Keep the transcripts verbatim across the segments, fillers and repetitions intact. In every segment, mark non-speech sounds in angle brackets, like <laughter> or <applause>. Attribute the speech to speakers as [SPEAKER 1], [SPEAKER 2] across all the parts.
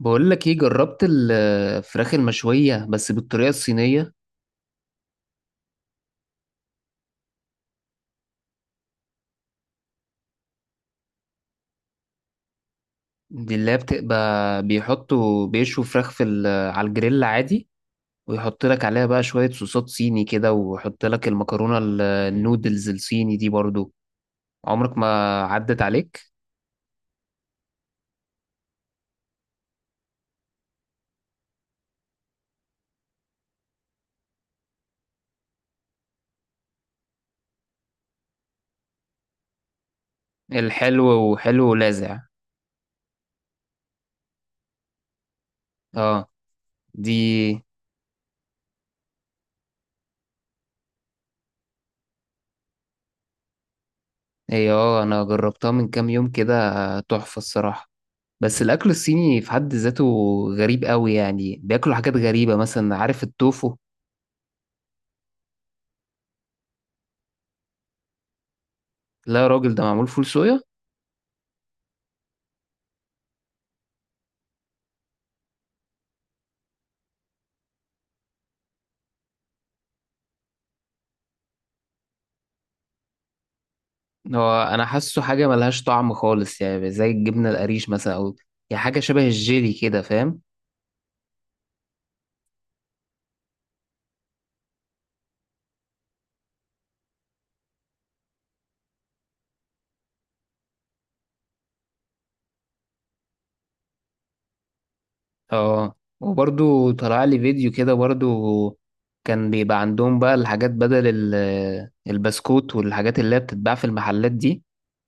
[SPEAKER 1] بقول لك ايه؟ جربت الفراخ المشوية بس بالطريقة الصينية؟ دي اللي هي بتبقى بيحطوا بيشوا فراخ في ال- على الجريل عادي، ويحط لك عليها بقى شوية صوصات صيني كده، ويحط لك المكرونة ال- النودلز الصيني دي برضو. عمرك ما عدت عليك. الحلو وحلو ولاذع. اه. دي هي اه انا جربتها من كام يوم كده، تحفة الصراحة. بس الأكل الصيني في حد ذاته غريب قوي، يعني بياكلوا حاجات غريبة مثلا، عارف التوفو؟ لا يا راجل، ده معمول فول صويا. هو انا حاسه حاجه ملهاش طعم خالص، يعني زي الجبنه القريش مثلا، او يعني حاجه شبه الجيلي كده، فاهم؟ اه. وبرضو طلع لي فيديو كده برضو، كان بيبقى عندهم بقى الحاجات بدل ال- البسكوت والحاجات اللي هي بتتباع في المحلات دي.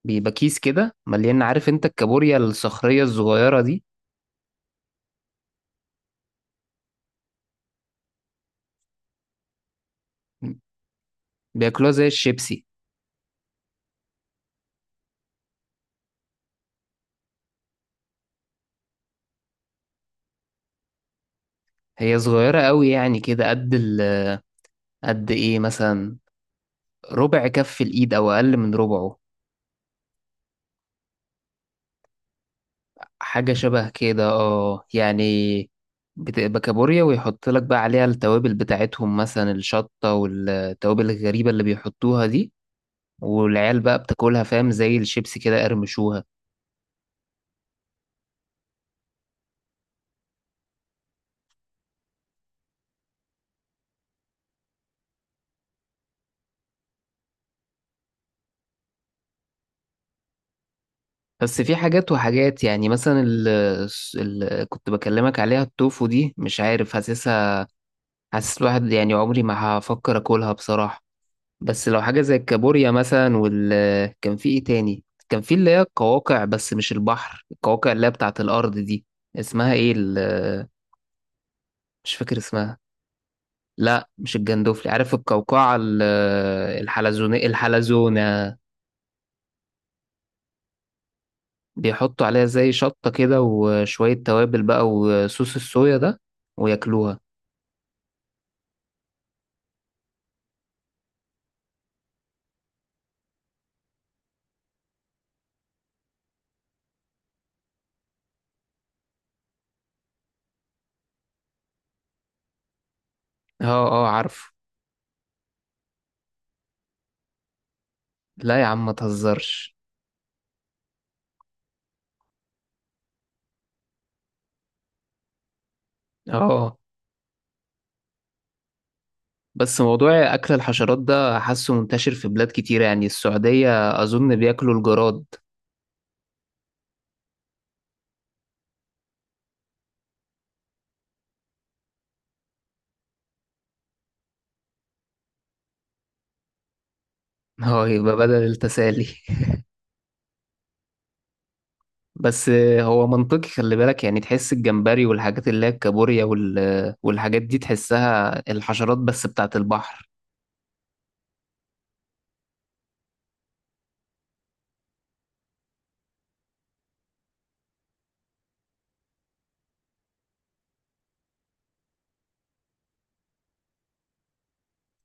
[SPEAKER 1] بيبقى كيس كده مليان، عارف انت الكابوريا الصخريه الصغيره دي؟ بياكلوها زي الشيبسي. هي صغيرة قوي، يعني كده قد ال قد ايه مثلا؟ ربع كف الايد او اقل من ربعه. حاجة شبه كده اه يعني. بتبقى كابوريا ويحط لك بقى عليها التوابل بتاعتهم، مثلا الشطة والتوابل الغريبة اللي بيحطوها دي، والعيال بقى بتاكلها، فاهم؟ زي الشيبس كده قرمشوها. بس في حاجات وحاجات، يعني مثلا ال ال كنت بكلمك عليها التوفو دي، مش عارف حاسسها، حاسس الواحد يعني عمري ما هفكر اكلها بصراحة. بس لو حاجة زي الكابوريا مثلا، وال كان في ايه تاني؟ كان في اللي هي القواقع، بس مش البحر، القواقع اللي هي بتاعة الأرض دي، اسمها ايه ال... مش فاكر اسمها. لا مش الجندوفلي، عارف القوقعة ال- الحلزون، الحلزونة. بيحطوا عليها زي شطة كده وشوية توابل بقى، وصوص الصويا ده، وياكلوها. اه. اه عارفه. لا يا عم ما تهزرش. اه آه. بس موضوع أكل الحشرات ده حاسه منتشر في بلاد كتيرة، يعني السعودية أظن بياكلوا الجراد. <laughs> هو يبقى بدل التسالي. <laughs> بس هو منطقي، خلي بالك يعني، تحس الجمبري والحاجات اللي هي الكابوريا وال... والحاجات دي، تحسها الحشرات بس بتاعت البحر.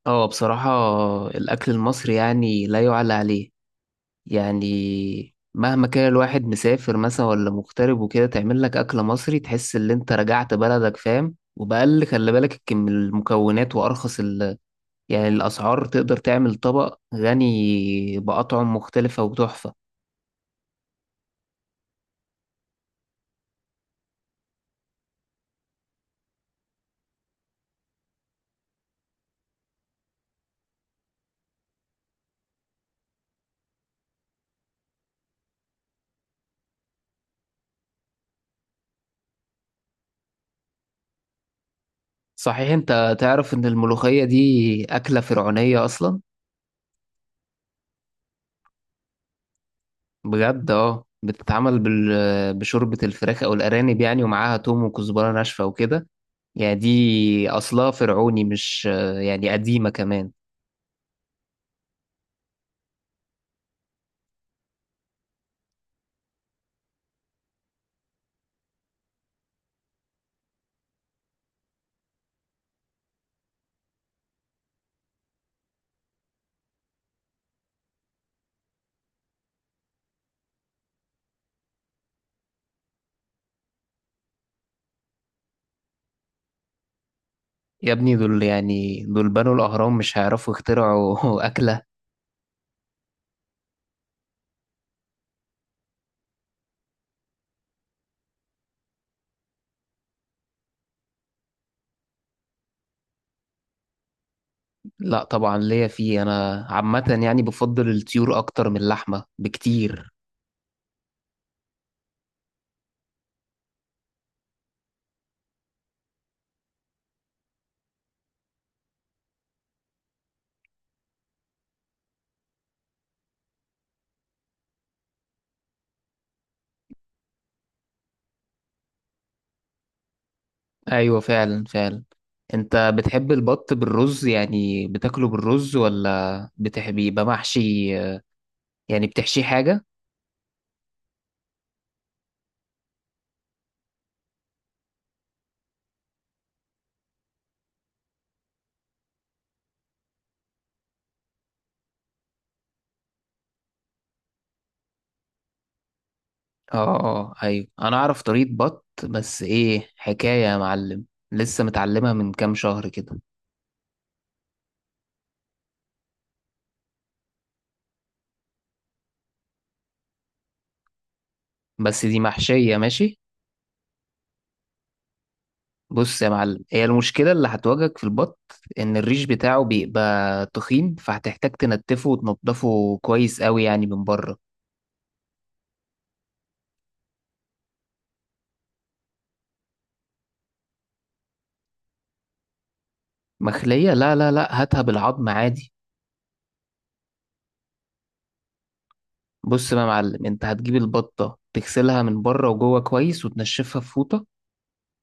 [SPEAKER 1] اه بصراحة، الأكل المصري يعني لا يعلى عليه. يعني مهما كان الواحد مسافر مثلا ولا مغترب وكده، تعمل لك أكل مصري تحس إن أنت رجعت بلدك، فاهم؟ وبأقل خلي بالك الكم- المكونات، وأرخص ال... يعني الأسعار، تقدر تعمل طبق غني بأطعم مختلفة وتحفة. صحيح أنت تعرف إن الملوخية دي أكلة فرعونية أصلا؟ بجد، أه، بتتعمل بال... بشوربة الفراخ أو الأرانب يعني، ومعاها توم وكزبرة ناشفة وكده. يعني دي أصلها فرعوني، مش يعني قديمة كمان. يا ابني دول يعني، دول بنوا الأهرام، مش هيعرفوا يخترعوا <laughs> أكلة؟ لا طبعا ليا فيه. أنا عامة يعني بفضل الطيور أكتر من اللحمة بكتير. أيوة فعلا فعلا. أنت بتحب البط بالرز؟ يعني بتاكله بالرز ولا بتحب يبقى محشي؟ يعني بتحشيه حاجة؟ آه آه آه، أيوة أنا أعرف طريقة بط، بس إيه حكاية يا معلم، لسه متعلمها من كام شهر كده. بس دي محشية ماشي. بص يا معلم، هي المشكلة اللي هتواجهك في البط إن الريش بتاعه بيبقى تخين، فهتحتاج تنتفه وتنضفه كويس قوي يعني من بره. مخلية؟ لا لا لا هاتها بالعظم عادي. بص بقى يا معلم، أنت هتجيب البطة تغسلها من بره وجوه كويس، وتنشفها في فوطة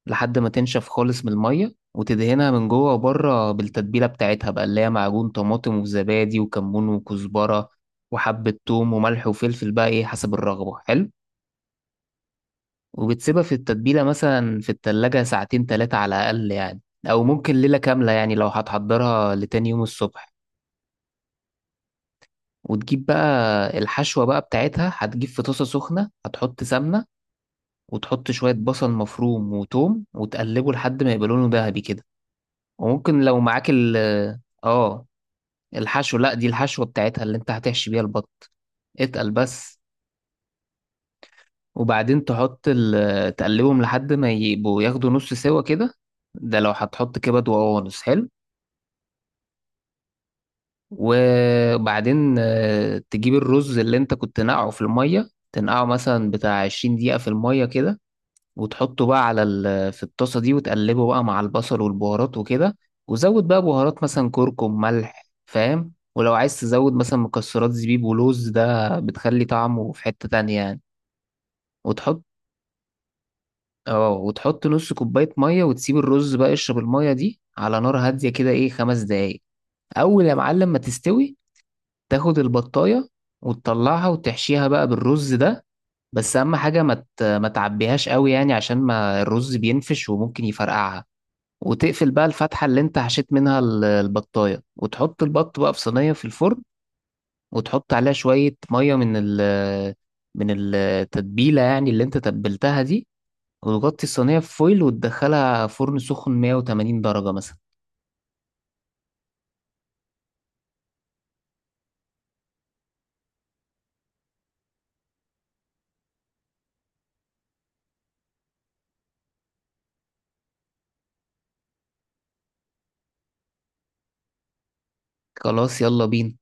[SPEAKER 1] لحد ما تنشف خالص من المية، وتدهنها من جوه وبره بالتتبيلة بتاعتها بقى، اللي هي معجون طماطم وزبادي وكمون وكزبرة وحبة توم وملح وفلفل بقى، إيه حسب الرغبة، حلو. وبتسيبها في التتبيلة مثلا في التلاجة ساعتين تلاتة على الأقل يعني، أو ممكن ليلة كاملة يعني لو هتحضرها لتاني يوم الصبح. وتجيب بقى الحشوة بقى بتاعتها، هتجيب في طاسة سخنة، هتحط سمنة، وتحط شوية بصل مفروم وتوم، وتقلبه لحد ما يبقى لونه ذهبي كده. وممكن لو معاك ال اه، الحشو، لا دي الحشوة بتاعتها اللي انت هتحشي بيها البط، اتقل بس. وبعدين تحط ال- تقلبهم لحد ما يبقوا ياخدوا نص سوا كده، ده لو هتحط كبد وقوانص، حلو. وبعدين آه، تجيب الرز اللي انت كنت نقعه في المية، تنقعه مثلا بتاع عشرين دقيقة في المية كده، وتحطه بقى على ال... في الطاسة دي، وتقلبه بقى مع البصل والبهارات وكده. وزود بقى بهارات مثلا كركم ملح، فاهم؟ ولو عايز تزود مثلا مكسرات زبيب ولوز، ده بتخلي طعمه في حتة تانية يعني. وتحط اه، وتحط نص كوباية مية، وتسيب الرز بقى يشرب المية دي على نار هادية كده، ايه، خمس دقايق. أول يا معلم ما تستوي، تاخد البطاية وتطلعها وتحشيها بقى بالرز ده. بس أهم حاجة ما ت- ما تعبيهاش قوي، يعني عشان ما الرز بينفش وممكن يفرقعها. وتقفل بقى الفتحة اللي انت حشيت منها ال- البطاية، وتحط البط بقى في صينية في الفرن. وتحط عليها شوية مية من ال من التتبيلة يعني، اللي انت تبلتها دي. وتغطي الصينية بفويل، وتدخلها فرن سخن مية وتمانين درجة مثلا. خلاص، يلا بينا.